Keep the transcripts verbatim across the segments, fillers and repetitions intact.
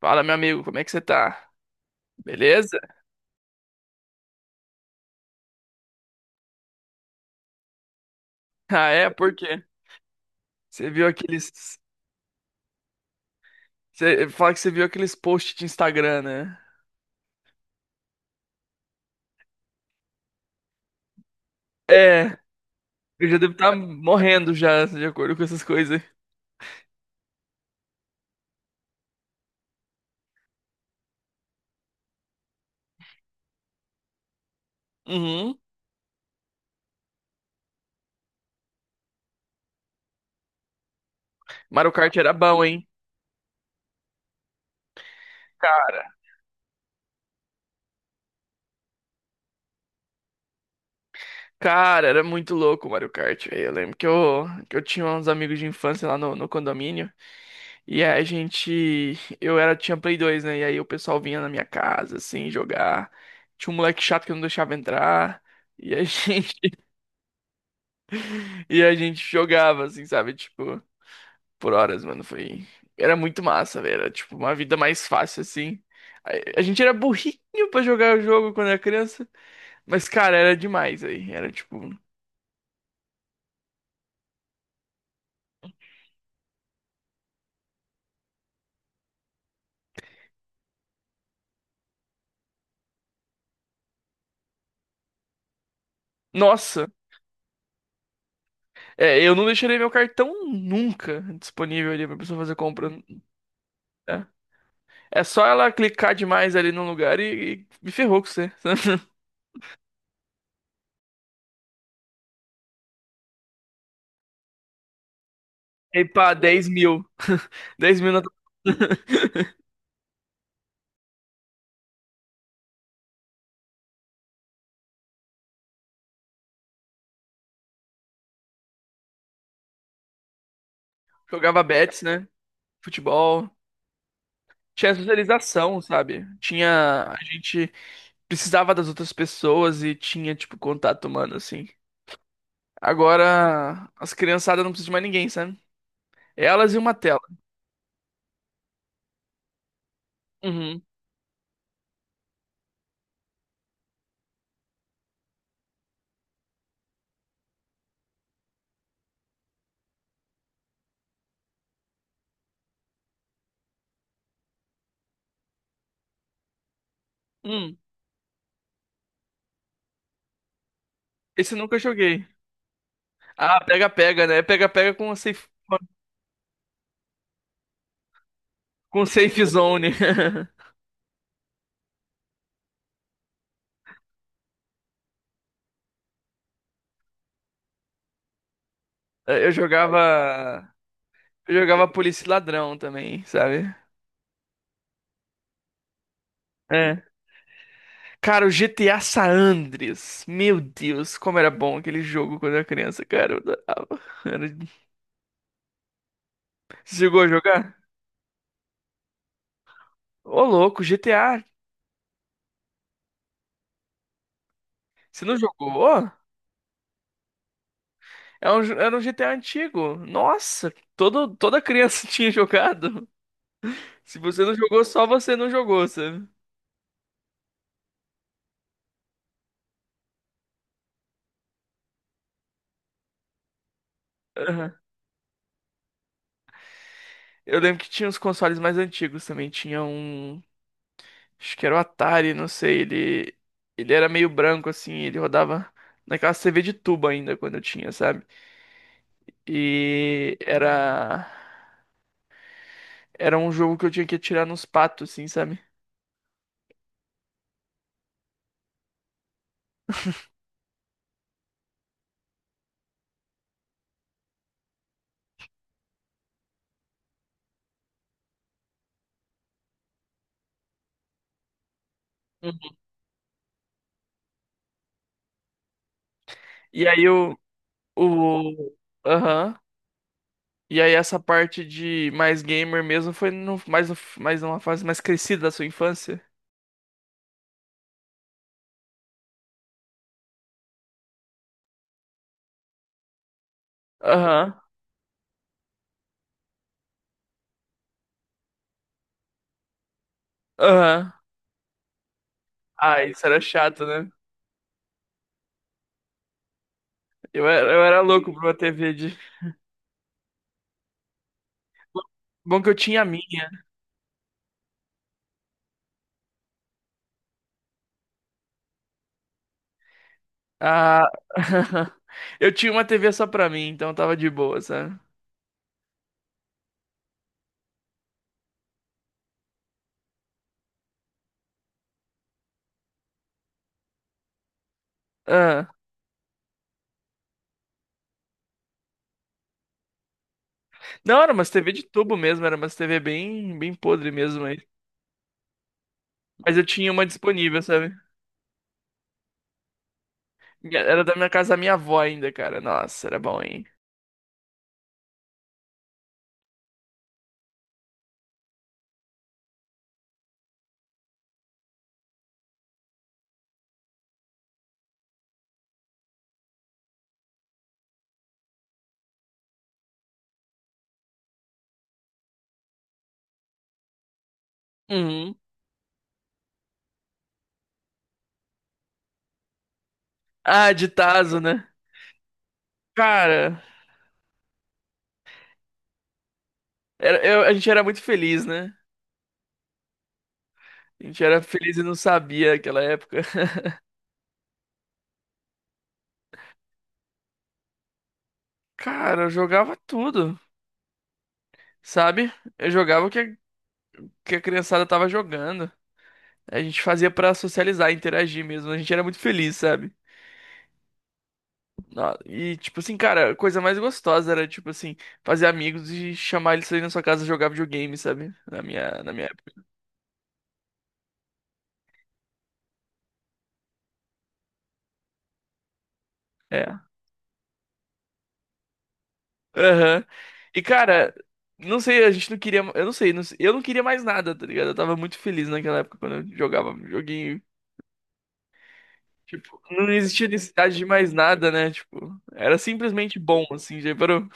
Fala, meu amigo, como é que você tá? Beleza? Ah, é? Por quê? Você viu aqueles. Você fala que você viu aqueles posts de Instagram, né? É, eu já devo estar morrendo já, de acordo com essas coisas. Uhum. Mario Kart era bom, hein? Cara, cara, era muito louco o Mario Kart. Velho, eu lembro que eu, que eu tinha uns amigos de infância lá no, no condomínio. E aí a gente. Eu era, tinha Play dois, né? E aí o pessoal vinha na minha casa, assim, jogar. Tinha um moleque chato que não deixava entrar. E a gente. E a gente jogava, assim, sabe? Tipo, por horas, mano. Foi. Era muito massa, velho. Era, tipo, uma vida mais fácil, assim. A, a gente era burrinho pra jogar o jogo quando era criança. Mas, cara, era demais aí. Era, tipo. Nossa! É, eu não deixaria meu cartão nunca disponível ali pra pessoa fazer compra, né? É, só ela clicar demais ali no lugar e, e me ferrou com você. E pá, dez mil. Dez mil na. Jogava bets, né? Futebol. Tinha socialização, sabe? Tinha. A gente precisava das outras pessoas e tinha, tipo, contato humano, assim. Agora, as criançadas não precisam de mais ninguém, sabe? Elas e uma tela. Uhum. Hum, esse eu nunca joguei. Ah, pega-pega, né? Pega-pega com safe, com safe zone. Eu jogava. Eu jogava polícia e ladrão também, sabe? É. Cara, o G T A San Andreas. Meu Deus, como era bom aquele jogo quando eu era criança, cara. Eu adorava. Era. Você chegou a jogar? Ô, louco, G T A. Você não jogou? É um jo- era um G T A antigo. Nossa, todo, toda criança tinha jogado. Se você não jogou, só você não jogou, sabe? Aham. Eu lembro que tinha uns consoles mais antigos também. Tinha um. Acho que era o Atari, não sei. Ele, ele era meio branco, assim. Ele rodava naquela tê vê de tubo ainda, quando eu tinha, sabe? E era. Era um jogo que eu tinha que atirar nos patos, assim, sabe? Uhum. E aí eu. O. Aham. E aí essa parte de mais gamer mesmo foi no, mais, no- mais numa fase mais crescida da sua infância? Aham, aham. Ah, isso era chato, né? Eu era, eu era louco pra uma tê vê de... Bom que eu tinha a minha. Ah, eu tinha uma tê vê só pra mim, então tava de boa, sabe? Ah. Não, era umas tê vê de tubo mesmo, era umas tê vê bem, bem podre mesmo, mas, mas eu tinha uma disponível, sabe? Minha- Era da minha casa da minha avó ainda, cara. Nossa, era bom, hein? Uhum. Ah, de tazo, né? Cara... Era- eu- a gente era muito feliz, né? A gente era feliz e não sabia naquela época. Cara, eu jogava tudo, sabe? Eu jogava o que a, que a criançada tava jogando. A gente fazia pra socializar, interagir mesmo. A gente era muito feliz, sabe? Nó- E, tipo assim, cara, a coisa mais gostosa era, tipo assim, fazer amigos e chamar eles pra ir na sua casa jogar videogame, sabe? Na minha, na minha época. É. Aham. E, cara, não sei, a gente não queria. Eu não sei, não sei- eu não queria mais nada, tá ligado? Eu tava muito feliz naquela época quando eu jogava videogame. Tipo, não existia necessidade de mais nada, né? Tipo, era simplesmente bom, assim, já parou.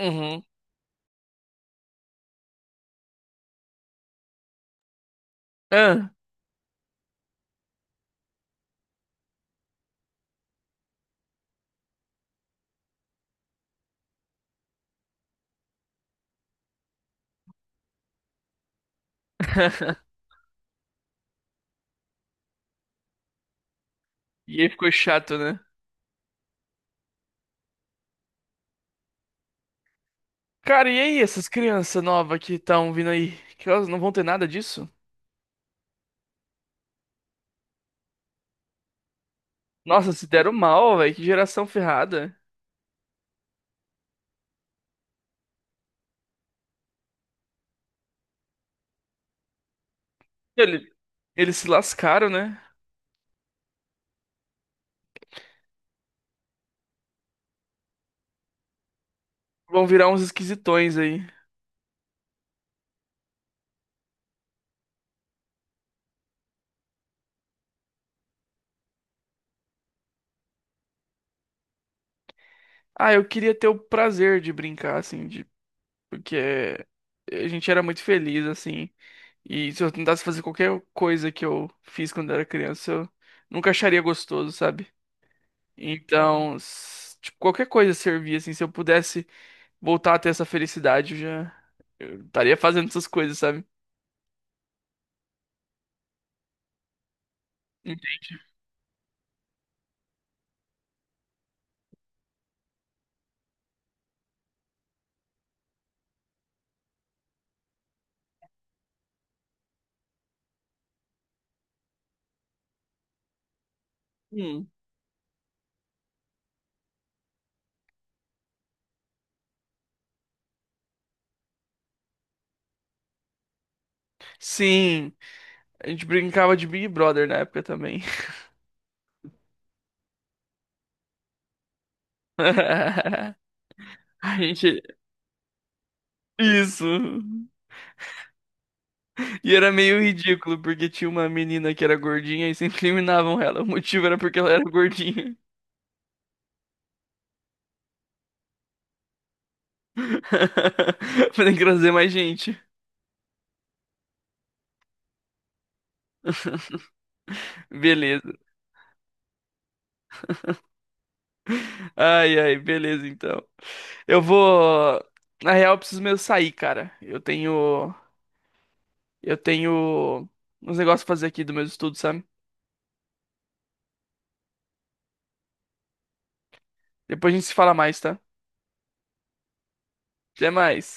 Uhum. Ah. E aí ficou chato, né? Cara, e aí, essas crianças novas que estão vindo aí? Que elas não vão ter nada disso? Nossa, se deram mal, velho. Que geração ferrada. Ele- Eles se lascaram, né? Vão virar uns esquisitões aí. Ah, eu queria ter o prazer de brincar, assim, de... Porque a gente era muito feliz, assim. E se eu tentasse fazer qualquer coisa que eu fiz quando era criança, eu nunca acharia gostoso, sabe? Então, s- tipo, qualquer coisa servia, assim, se eu pudesse voltar a ter essa felicidade, eu já eu estaria fazendo essas coisas, sabe? Hum. Sim, a gente brincava de Big Brother na época também. A gente. Isso. E era meio ridículo, porque tinha uma menina que era gordinha e sempre eliminavam ela. O motivo era porque ela era gordinha. Pra trazer mais gente. Beleza. Ai, ai, beleza, então. Eu vou. Na real, eu preciso mesmo sair, cara. Eu tenho. Eu tenho uns negócios pra fazer aqui do meu estudo, sabe? Depois a gente se fala mais, tá? Até mais.